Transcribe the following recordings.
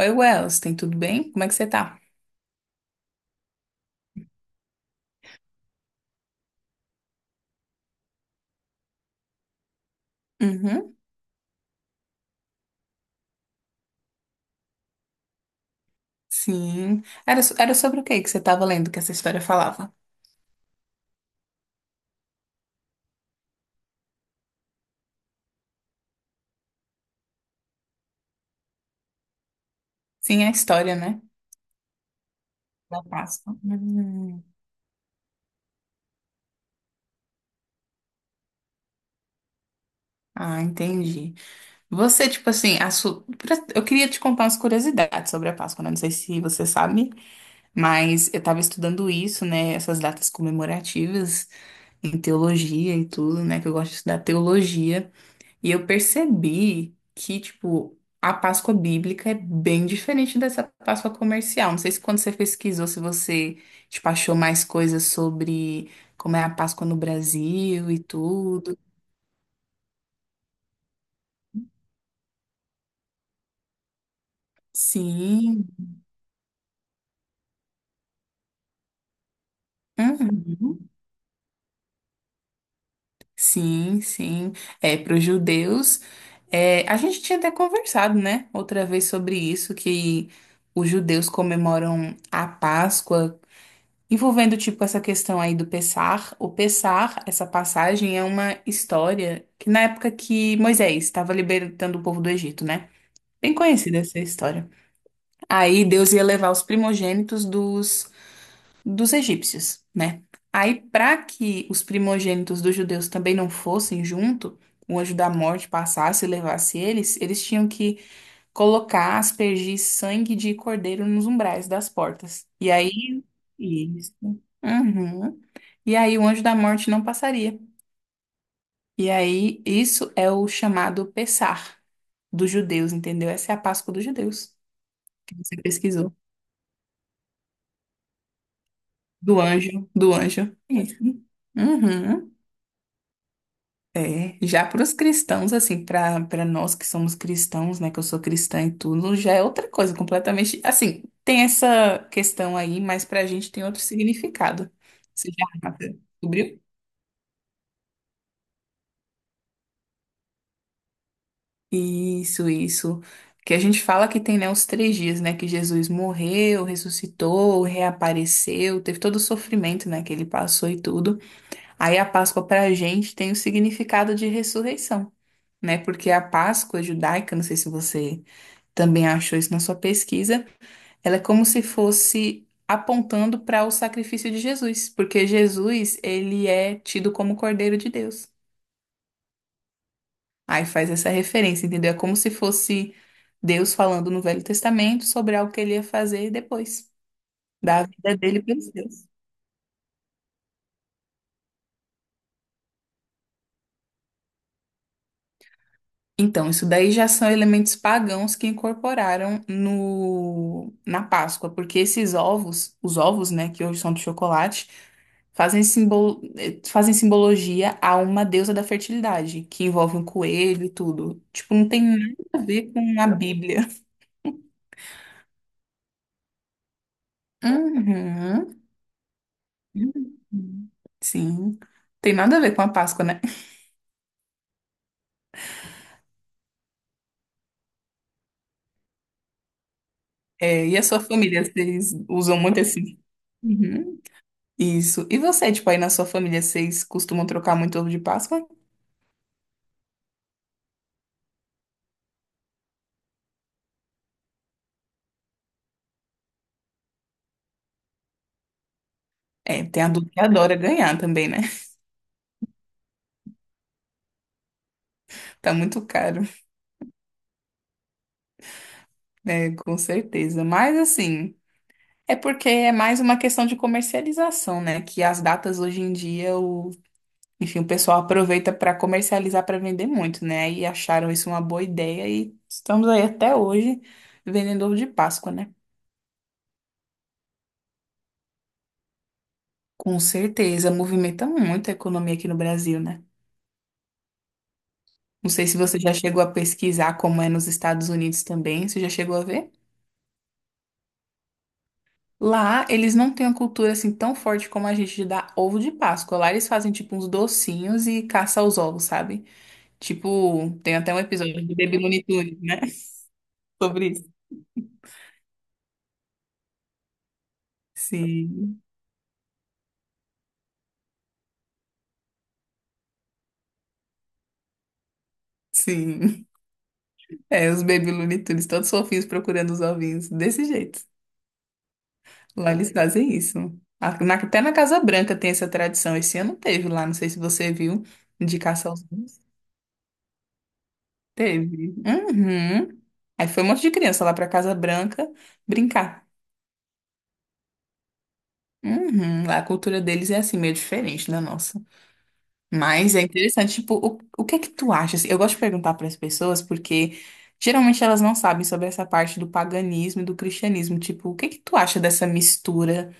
Oi, Wells, tem tudo bem? Como é que você tá? Uhum, sim. Era, era sobre o que que você estava lendo que essa história falava? Sim, é a história, né? Da Páscoa. Hum. Ah, entendi. Você, tipo assim, eu queria te contar umas curiosidades sobre a Páscoa, né? Não sei se você sabe, mas eu estava estudando isso, né? Essas datas comemorativas em teologia e tudo, né? Que eu gosto de estudar teologia. E eu percebi que, tipo, a Páscoa bíblica é bem diferente dessa Páscoa comercial. Não sei se quando você pesquisou, se você, tipo, achou mais coisas sobre como é a Páscoa no Brasil e tudo. Sim. Uhum. Sim, sim. É, para os judeus, é, a gente tinha até conversado, né, outra vez sobre isso, que os judeus comemoram a Páscoa envolvendo, tipo, essa questão aí do Pessar, o Pessar, essa passagem é uma história que na época que Moisés estava libertando o povo do Egito, né? Bem conhecida essa história. Aí Deus ia levar os primogênitos dos egípcios, né? Aí, para que os primogênitos dos judeus também não fossem junto, o anjo da morte passasse e levasse eles, eles tinham que colocar, aspergir sangue de cordeiro nos umbrais das portas. E aí. Isso. Uhum. E aí o anjo da morte não passaria. E aí isso é o chamado Pessach dos judeus, entendeu? Essa é a Páscoa dos judeus que você pesquisou. Do anjo. Isso. Uhum. É, já para os cristãos, assim, para nós que somos cristãos, né, que eu sou cristã e tudo, já é outra coisa completamente. Assim, tem essa questão aí, mas para a gente tem outro significado. Você já descobriu? Isso, isso. Que a gente fala que tem, né, os três dias, né, que Jesus morreu, ressuscitou, reapareceu, teve todo o sofrimento, né, que ele passou e tudo. Aí a Páscoa para a gente tem o significado de ressurreição, né, porque a Páscoa judaica, não sei se você também achou isso na sua pesquisa, ela é como se fosse apontando para o sacrifício de Jesus, porque Jesus, ele é tido como Cordeiro de Deus. Aí faz essa referência, entendeu? É como se fosse Deus falando no Velho Testamento sobre algo que ele ia fazer depois, da vida dele pelos seus. Então, isso daí já são elementos pagãos que incorporaram no, na Páscoa, porque esses ovos, os ovos, né, que hoje são de chocolate, fazem, fazem simbologia a uma deusa da fertilidade, que envolve um coelho e tudo. Tipo, não tem nada a ver com a Bíblia. Uhum. Uhum. Sim. Tem nada a ver com a Páscoa, né? É, e a sua família, vocês usam muito assim? Uhum. Isso. E você, tipo, aí na sua família, vocês costumam trocar muito ovo de Páscoa? É, tem adulto que adora ganhar também, né? Tá muito caro, né? Com certeza. Mas assim, é porque é mais uma questão de comercialização, né? Que as datas hoje em dia, o enfim, o pessoal aproveita para comercializar para vender muito, né? E acharam isso uma boa ideia e estamos aí até hoje vendendo ovo de Páscoa, né? Com certeza, movimenta muito a economia aqui no Brasil, né? Não sei se você já chegou a pesquisar como é nos Estados Unidos também. Você já chegou a ver? Lá, eles não têm uma cultura assim tão forte como a gente de dar ovo de Páscoa. Lá eles fazem tipo uns docinhos e caça os ovos, sabe? Tipo, tem até um episódio de Baby Looney Tunes, né? Sobre isso. Sim, sim. É, os Baby Looney Tunes, todos fofinhos procurando os ovinhos, desse jeito. Lá eles fazem isso. Até na Casa Branca tem essa tradição. Esse ano teve lá, não sei se você viu, de caça aos ovos. Teve. Uhum. Aí foi um monte de criança lá pra Casa Branca brincar. Uhum. Lá a cultura deles é assim, meio diferente da nossa. Mas é interessante, tipo, o que é que tu acha assim? Eu gosto de perguntar para as pessoas porque geralmente elas não sabem sobre essa parte do paganismo e do cristianismo. Tipo, o que é que tu acha dessa mistura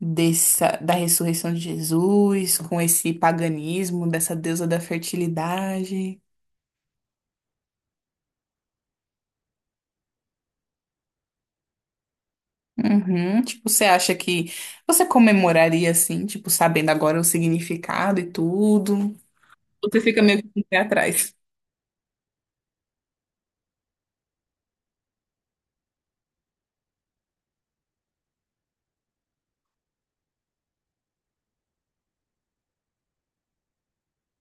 da ressurreição de Jesus com esse paganismo, dessa deusa da fertilidade? Uhum. Tipo, você acha que você comemoraria assim, tipo, sabendo agora o significado e tudo? Você fica meio que com o pé atrás.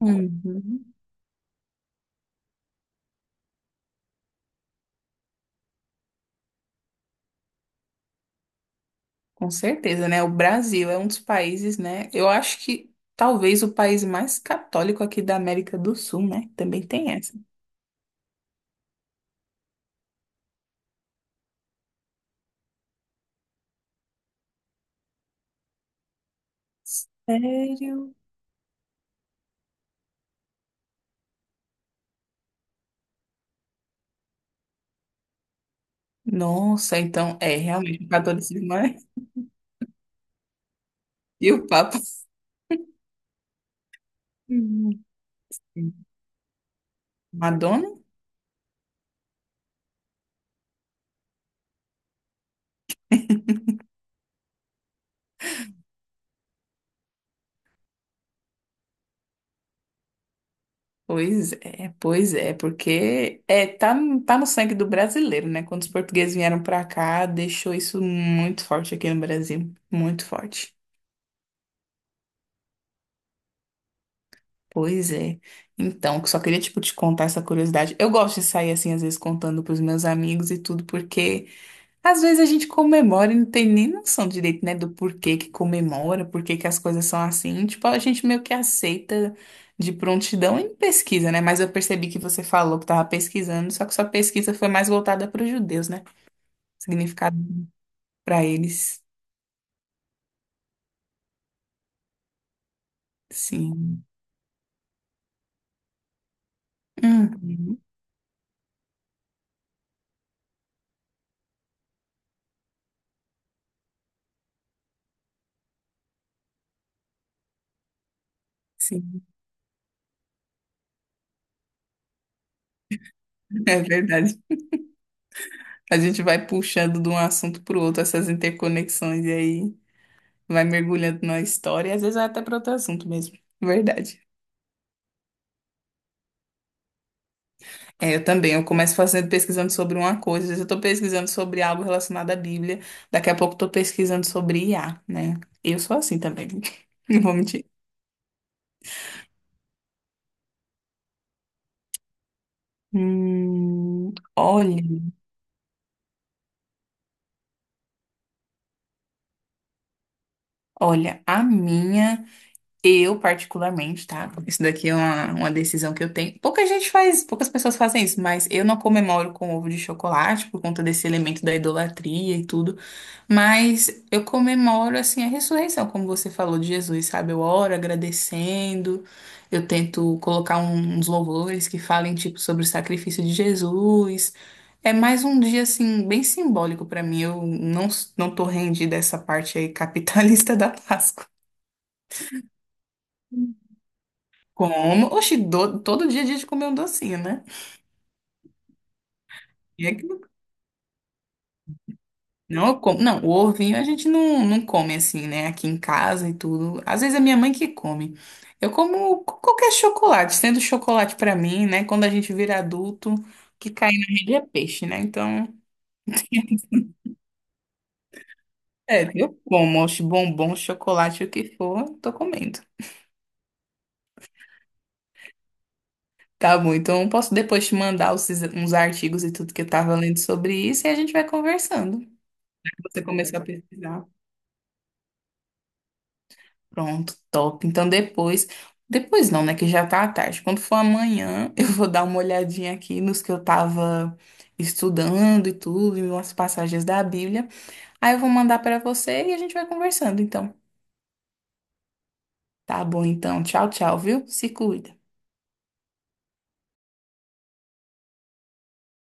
Uhum. Com certeza, né? O Brasil é um dos países, né? Eu acho que talvez o país mais católico aqui da América do Sul, né? Também tem essa. Sério? Nossa, então é realmente o catolicismo é- e o Papa. Uhum. Madonna? Pois é, porque é, tá, tá no sangue do brasileiro, né? Quando os portugueses vieram pra cá, deixou isso muito forte aqui no Brasil, muito forte. Pois é. Então, só queria, tipo, te contar essa curiosidade. Eu gosto de sair, assim, às vezes contando pros meus amigos e tudo, porque às vezes a gente comemora e não tem nem noção direito, né, do porquê que comemora, porquê que as coisas são assim. Tipo, a gente meio que aceita de prontidão e pesquisa, né? Mas eu percebi que você falou que tava pesquisando, só que sua pesquisa foi mais voltada para os judeus, né? Significado para eles, sim. Uhum, sim, é verdade. A gente vai puxando de um assunto para o outro essas interconexões e aí vai mergulhando na história e às vezes vai até para outro assunto mesmo. Verdade. É, eu também. Eu começo fazendo pesquisando sobre uma coisa, às vezes eu tô pesquisando sobre algo relacionado à Bíblia, daqui a pouco eu tô pesquisando sobre IA, né? Eu sou assim também, não vou mentir. Olha, olha, a minha. Eu, particularmente, tá? Isso daqui é uma decisão que eu tenho. Pouca gente faz, poucas pessoas fazem isso, mas eu não comemoro com ovo de chocolate por conta desse elemento da idolatria e tudo. Mas eu comemoro, assim, a ressurreição, como você falou de Jesus, sabe? Eu oro agradecendo, eu tento colocar uns louvores que falem, tipo, sobre o sacrifício de Jesus. É mais um dia, assim, bem simbólico pra mim. Eu não, não tô rendida a essa parte aí capitalista da Páscoa. Como? Oxi, todo dia a gente come um docinho, né? E é que- Não, eu como. Não, o ovinho a gente não come assim, né? Aqui em casa e tudo. Às vezes é minha mãe que come. Qualquer chocolate, sendo chocolate pra mim, né? Quando a gente vira adulto, o que cai na rede é peixe, né? Então, é, eu como, oxe, bombom, chocolate, o que for, tô comendo. Tá bom, então eu posso depois te mandar uns artigos e tudo que eu tava lendo sobre isso e a gente vai conversando. Você começou a pesquisar. Pronto, top. Então depois não, né, que já tá à tarde. Quando for amanhã, eu vou dar uma olhadinha aqui nos que eu tava estudando e tudo, e umas passagens da Bíblia. Aí eu vou mandar pra você e a gente vai conversando, então. Tá bom, então. Tchau, tchau, viu? Se cuida.